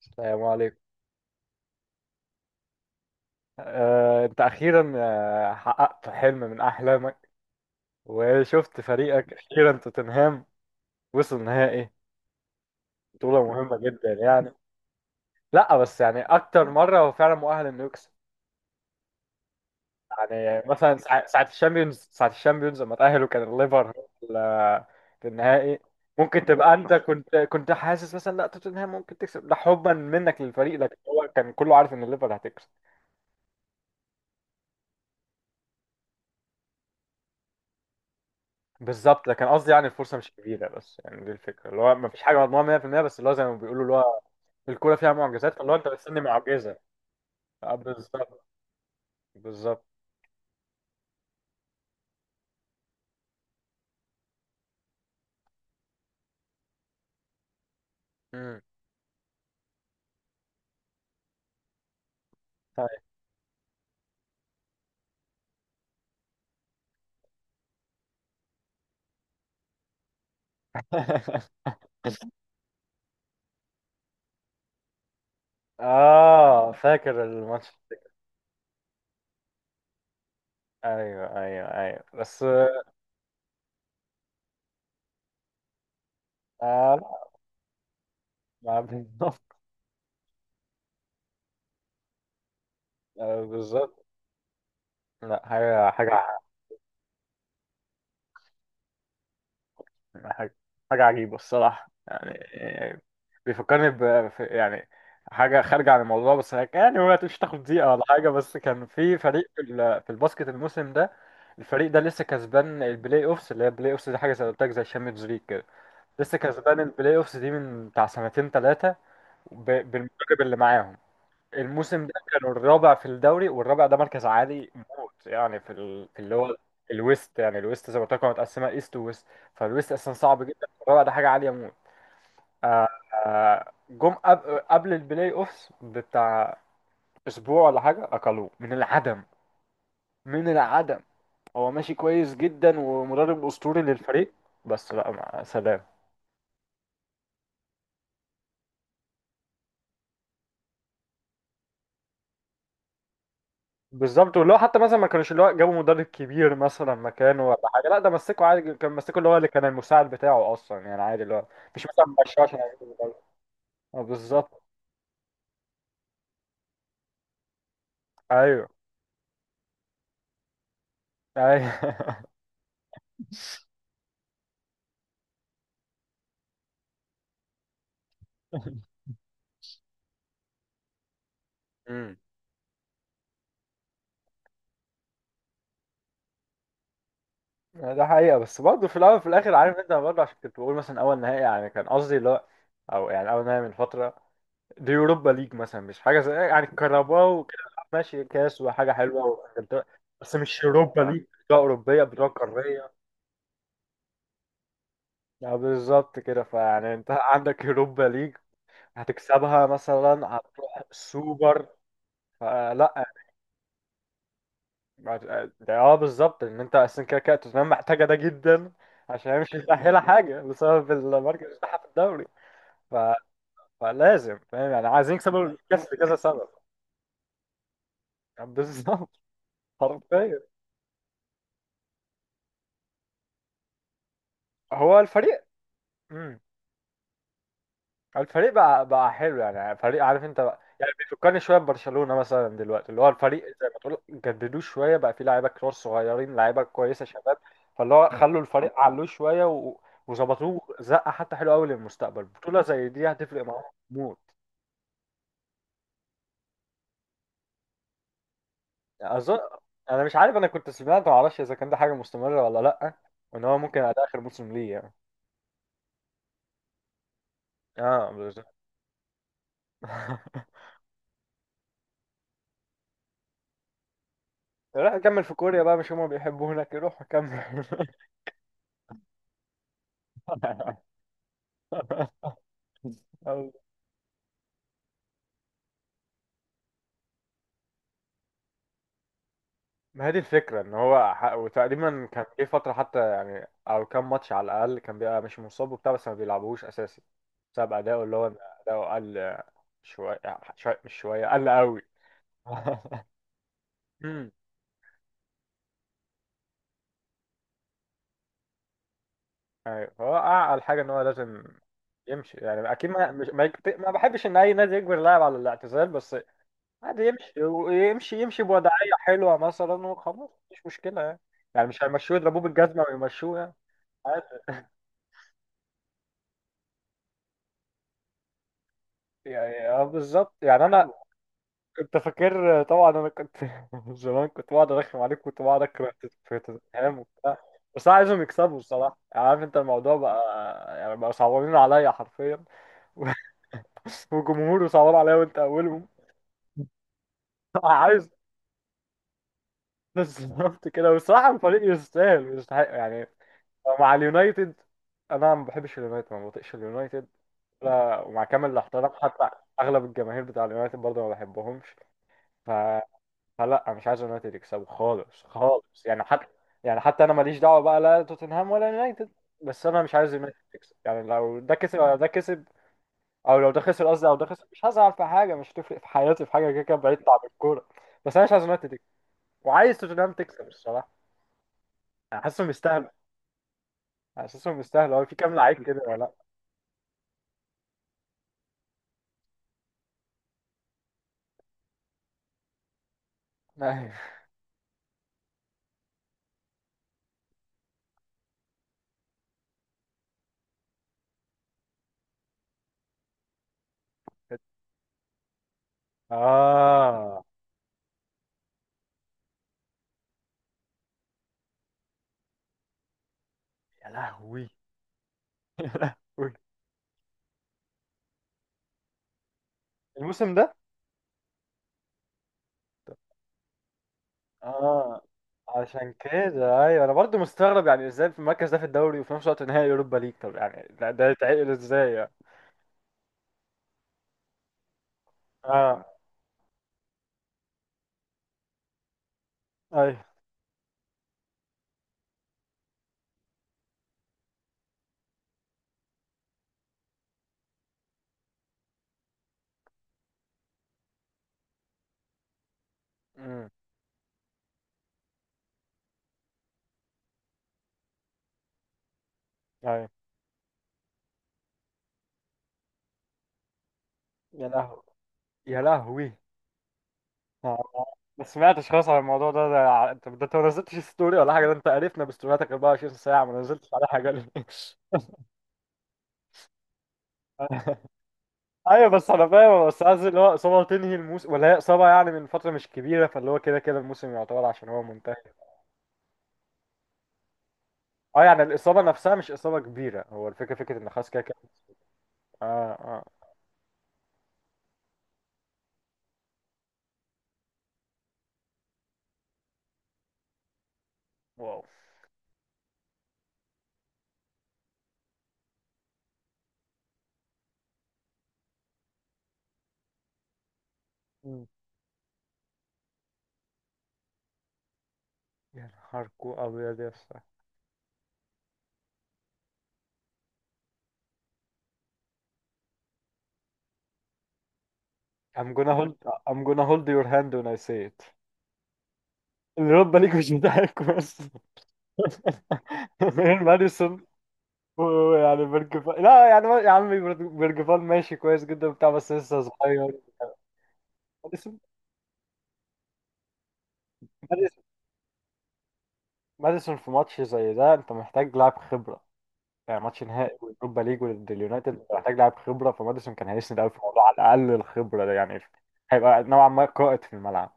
السلام عليكم. انت اخيرا حققت حلم من احلامك وشفت فريقك اخيرا توتنهام وصل نهائي، بطولة مهمة جدا يعني. لا بس يعني اكتر مرة هو فعلا مؤهل انه يكسب. يعني مثلا ساعة ساعة الشامبيونز لما تأهلوا كان الليفر هو في النهائي. ممكن تبقى انت كنت حاسس مثلا لا توتنهام ممكن تكسب، ده حبا منك للفريق، لكن هو كان كله عارف ان الليفر هتكسب. بالظبط، لكن قصدي يعني الفرصه مش كبيره، بس يعني دي الفكره اللي هو ما فيش حاجه مضمونه 100%، بس اللي هو زي ما بيقولوا اللي هو الكوره فيها معجزات، فاللي هو انت بتستني معجزه. بالظبط. بالظبط. امم. طيب. اه، فاكر الماتش. ايوه ايوه ايوه بس. آه. لا ما بالظبط. بالظبط. لا حاجه. حاجة حاجة عجيبة الصراحة يعني. بيفكرني يعني حاجة خارجة عن الموضوع، بس يعني ما تمشي تاخد دقيقة ولا حاجة. بس كان في فريق في في الباسكت الموسم ده. الفريق ده لسه كسبان البلاي اوفس، اللي هي البلاي اوفس دي حاجة زي ما قلت لك زي الشامبيونز ليج كده. لسه كسبان البلاي اوفس دي من بتاع سنتين ثلاثة بالمدرب اللي معاهم. الموسم ده كانوا الرابع في الدوري، والرابع ده مركز عالي موت يعني في ال... في اللي هو الويست. يعني الويست زي ما قلت لكم متقسمه ايست وويست، فالويست اصلا صعب جدا، الرابع ده حاجه عاليه موت. آه... جم قبل البلاي اوفس بتاع اسبوع ولا حاجه، اكلوه من العدم، من العدم. هو ماشي كويس جدا ومدرب اسطوري للفريق، بس لا، مع سلام. بالظبط، واللي هو حتى مثلا ما كانوش اللي هو جابوا مدرب كبير مثلا مكانه ولا حاجه، لا ده مسكه عادي، كان مسكه اللي هو اللي كان المساعد بتاعه اصلا يعني عادي، اللي هو مش مثلا مشاه عشان يجيب مدرب. اه بالظبط. ايوه ايوه. امم. ده حقيقه، بس برضه في الاول وفي الاخر، عارف انت برضه عشان كنت بقول مثلا اول نهائي، يعني كان قصدي اللي هو او يعني اول نهائي من فتره، دي يوروبا ليج مثلا مش حاجه زي يعني كهرباء وكده، ماشي كاس وحاجه حلوه وإنجلترا، بس مش يوروبا ليج بطوله اوروبيه بطوله قاريه. اه بالظبط كده، فيعني انت عندك يوروبا ليج هتكسبها مثلا هتروح السوبر. فلا، ده اه بالظبط ان انت اصلا كده كده توتنهام محتاجه ده جدا عشان هي مش متاهله حاجه بسبب المركز بتاعها في الدوري. ف... فلازم فاهم يعني عايزين يكسبوا الكاس لكذا سبب. بالظبط. حرفيا. هو الفريق، الفريق بقى حلو، يعني فريق عارف انت بقى يعني بيفكرني شويه ببرشلونه مثلا دلوقتي، اللي هو الفريق زي ما تقول جددوه شويه، بقى فيه لعيبه كتير صغيرين، لعيبه كويسه شباب. فاللي هو خلوا الفريق علوه شويه و... وظبطوه، زقه حتى حلوه قوي للمستقبل. بطوله زي دي هتفرق معاهم موت. اظن. انا مش عارف، انا كنت سمعت، ما اعرفش اذا كان ده حاجه مستمره ولا لا، وان هو ممكن على اخر موسم ليه يعني. اه بالظبط. روح كمل في كوريا بقى، مش هما بيحبوا هناك، روح كمل. ما هي دي الفكرة، ان هو وتقريبا كان جه فترة حتى يعني، او كام ماتش على الاقل كان بيبقى مش مصاب وبتاع، بس ما بيلعبوهوش اساسي بسبب اداؤه، اللي هو إن اداؤه قل شوية، مش شوية، قل قوي. امم. ايوه، هو اعقل حاجة ان هو لازم يمشي، يعني اكيد ما مش ما, يكت... ما بحبش ان اي نادي يجبر لاعب على الاعتزال، بس عادي يمشي، ويمشي بوضعية حلوة مثلا وخلاص مش مشكلة يعني. يعني مش هيمشوه يضربوه بالجزمة ويمشوه يعني. عادي. يعني اه بالظبط يعني، انا انت فاكر طبعا، انا كنت زمان كنت بقعد ارخم عليك، كنت بقعد اكره في توتنهام وبتاع، بس انا عايزهم يكسبوا الصراحه، يعني عارف انت الموضوع بقى يعني بقى صعبانين عليا حرفيا. وجمهوري صعبان عليا وانت اولهم. عايز. بالظبط كده، والصراحه الفريق يستاهل ويستحق يعني، مع اليونايتد. انا ما بحبش اليونايتد، ما بطيقش اليونايتد، لا، ومع كامل الاحترام حتى اغلب الجماهير بتاع اليونايتد برضه ما بحبهمش. ف لا مش عايز يونايتد يكسبوا خالص خالص يعني. حتى يعني حتى انا ماليش دعوه بقى لا توتنهام ولا يونايتد، بس انا مش عايز يونايتد تكسب. يعني لو ده كسب او ده كسب، او لو ده خسر قصدي او ده خسر، مش هزعل في حاجه، مش هتفرق في حياتي في حاجه كده كده، بعيد عن الكوره. بس انا مش عايز يونايتد تكسب، وعايز توتنهام تكسب الصراحه. انا حاسسهم يستاهلوا. حاسسهم يستاهلوا. هو في كام لعيب كده ولا لا. اه. يا لهوي. يا لهوي. الموسم ده. اه عشان كده ايوه انا برضو مستغرب، يعني ازاي في المركز ده في الدوري وفي نفس الوقت نهائي اوروبا ليج، طب يعني ده ده يتعقل ازاي يعني. اه. ايوه. امم. ايوه. يا لهوي. يا لهوي. آه. آه. ما سمعتش خالص عن الموضوع ده، انت ده انت ما نزلتش ستوري ولا حاجه، ده انت قرفنا بستورياتك 24 ساعه، ما نزلتش على حاجه ليه؟ ايوه بس انا فاهم، بس قصدي اللي هو اصابه تنهي الموسم، ولا هي اصابه يعني من فتره مش كبيره، فاللي هو كده كده الموسم يعتبر عشان هو منتهي. اه يعني الإصابة نفسها مش إصابة كبيرة، هو الفكرة فكرة إن خلاص كده كده. اه. اه. واو. مم. يا نهاركو أبيض يا اسطى. I'm gonna hold I'm gonna hold your hand when I say it. الرد ليك مش بتاعك بس. غير ماديسون. ويعني بيرج فال، لا يعني يا عمي بيرج فال ماشي كويس جدا وبتاع، بس لسه صغير. ماديسون. ماديسون. ماديسون في ماتش زي ده انت محتاج لاعب خبرة، يعني ماتش نهائي اوروبا ليج ضد اليونايتد محتاج لاعب خبره، فماديسون كان هيسند قوي في الموضوع على الاقل الخبره ده يعني. هيبقى نوعا ما قائد في الملعب،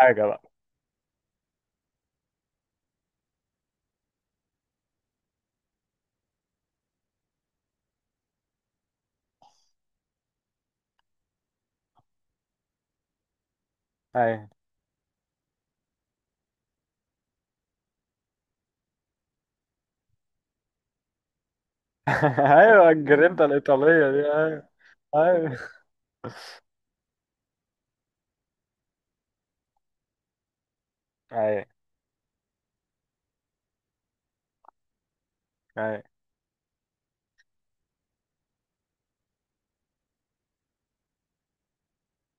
حاجه بقى. ايوه. ايوه الجرينتا الايطاليه دي. ايوه. ايوه ايوه ايوه.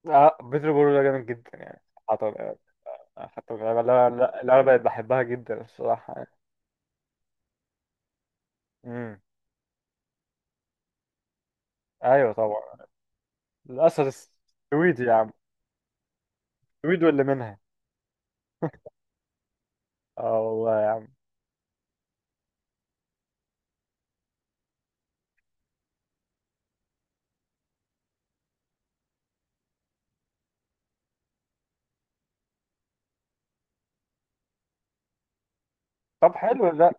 اه بيترو بورو ده جامد جدا يعني. حتى حتى اللعبه اللي انا اللي أنا بقيت بحبها جدا الصراحه يعني. امم. ايوه طبعا. الاسد السويدي يا عم. السويد واللي منها. اه والله يا عم. طب حلو ده.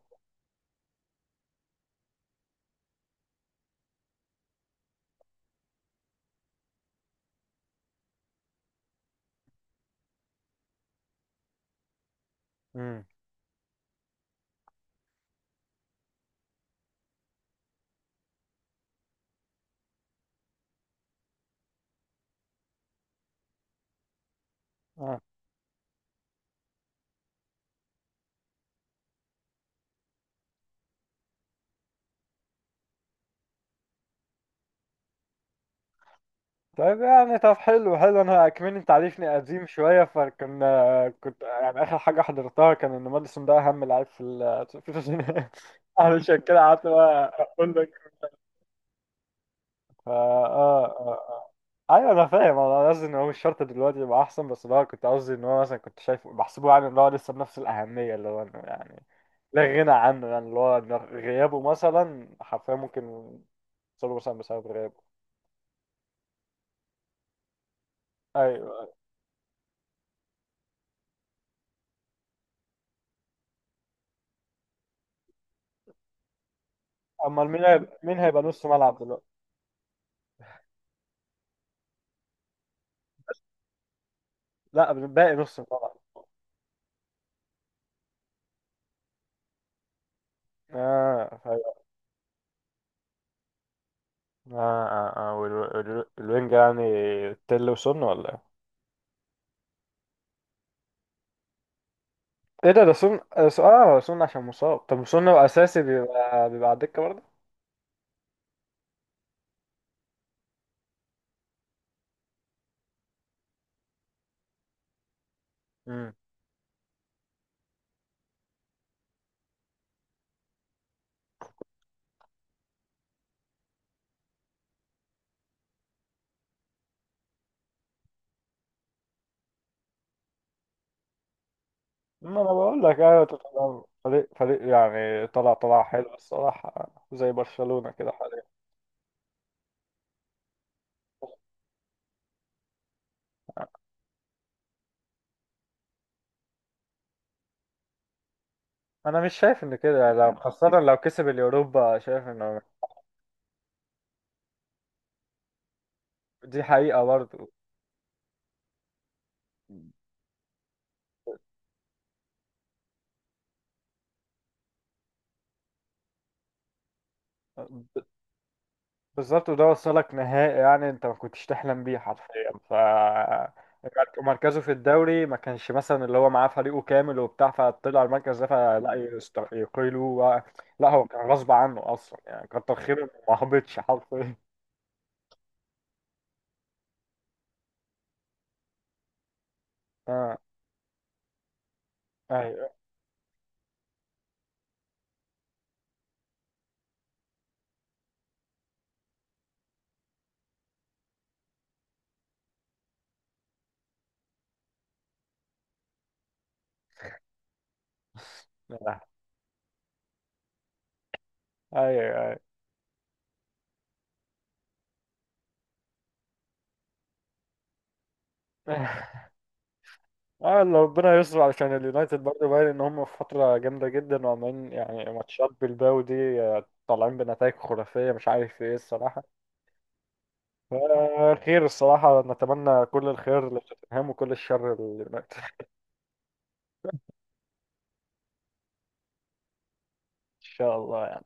امم. طيب يعني طب حلو حلو، انا كمان انت عارفني قديم شويه، فكان كنت يعني اخر حاجه حضرتها كان ان ماديسون ده اهم لعيب في ال في التسعينات. علشان كده قعدت بقى اقول لك. فا اه اه. اه ايوه انا فاهم، انا قصدي ان هو مش شرط دلوقتي يبقى احسن، بس اللي هو كنت قصدي ان هو مثلا كنت شايفه بحسبه يعني اللي هو لسه بنفس الاهميه، اللي هو انه يعني لا غنى عنه، يعني اللي هو إن غيابه مثلا حرفيا ممكن يوصلوا مثلا بسبب غيابه. ايوه. أيوة. امال مين هيبقى نص ملعب دلوقتي. لا باقي نص طبعا. اه. أيوة. اه اه اه والوينج يعني، تل وسن ولا ايه. ايه ده ده سن اه سن عشان مصاب، طب سن لو اساسي بيبقى على الدكه برضه. امم. ما انا بقول لك ايوه طبعاً. فريق يعني طلع حلو الصراحه زي برشلونه كده حاليا. انا مش شايف ان كده، لو خاصه لو كسب اليوروبا شايف انه دي حقيقه برضه. بالظبط، وده وصلك نهائي يعني انت ما كنتش تحلم بيه حرفيا. ف مركزه في الدوري ما كانش مثلا اللي هو معاه فريقه كامل وبتاع فطلع المركز ده، فلا يقيلوا. لا هو كان غصب عنه اصلا يعني كتر خيره إنه ما هبطش حرفيا. اه. ايوه. آه، ايوه ايوه. اه لو ربنا يستر، علشان اليونايتد برضه باين ان هم في فتره جامده جدا، وعمالين يعني ماتشات بالباو دي، طالعين بنتائج خرافيه مش عارف ايه الصراحه. خير الصراحة، نتمنى كل الخير لتوتنهام وكل الشر لليونايتد. إن شاء الله.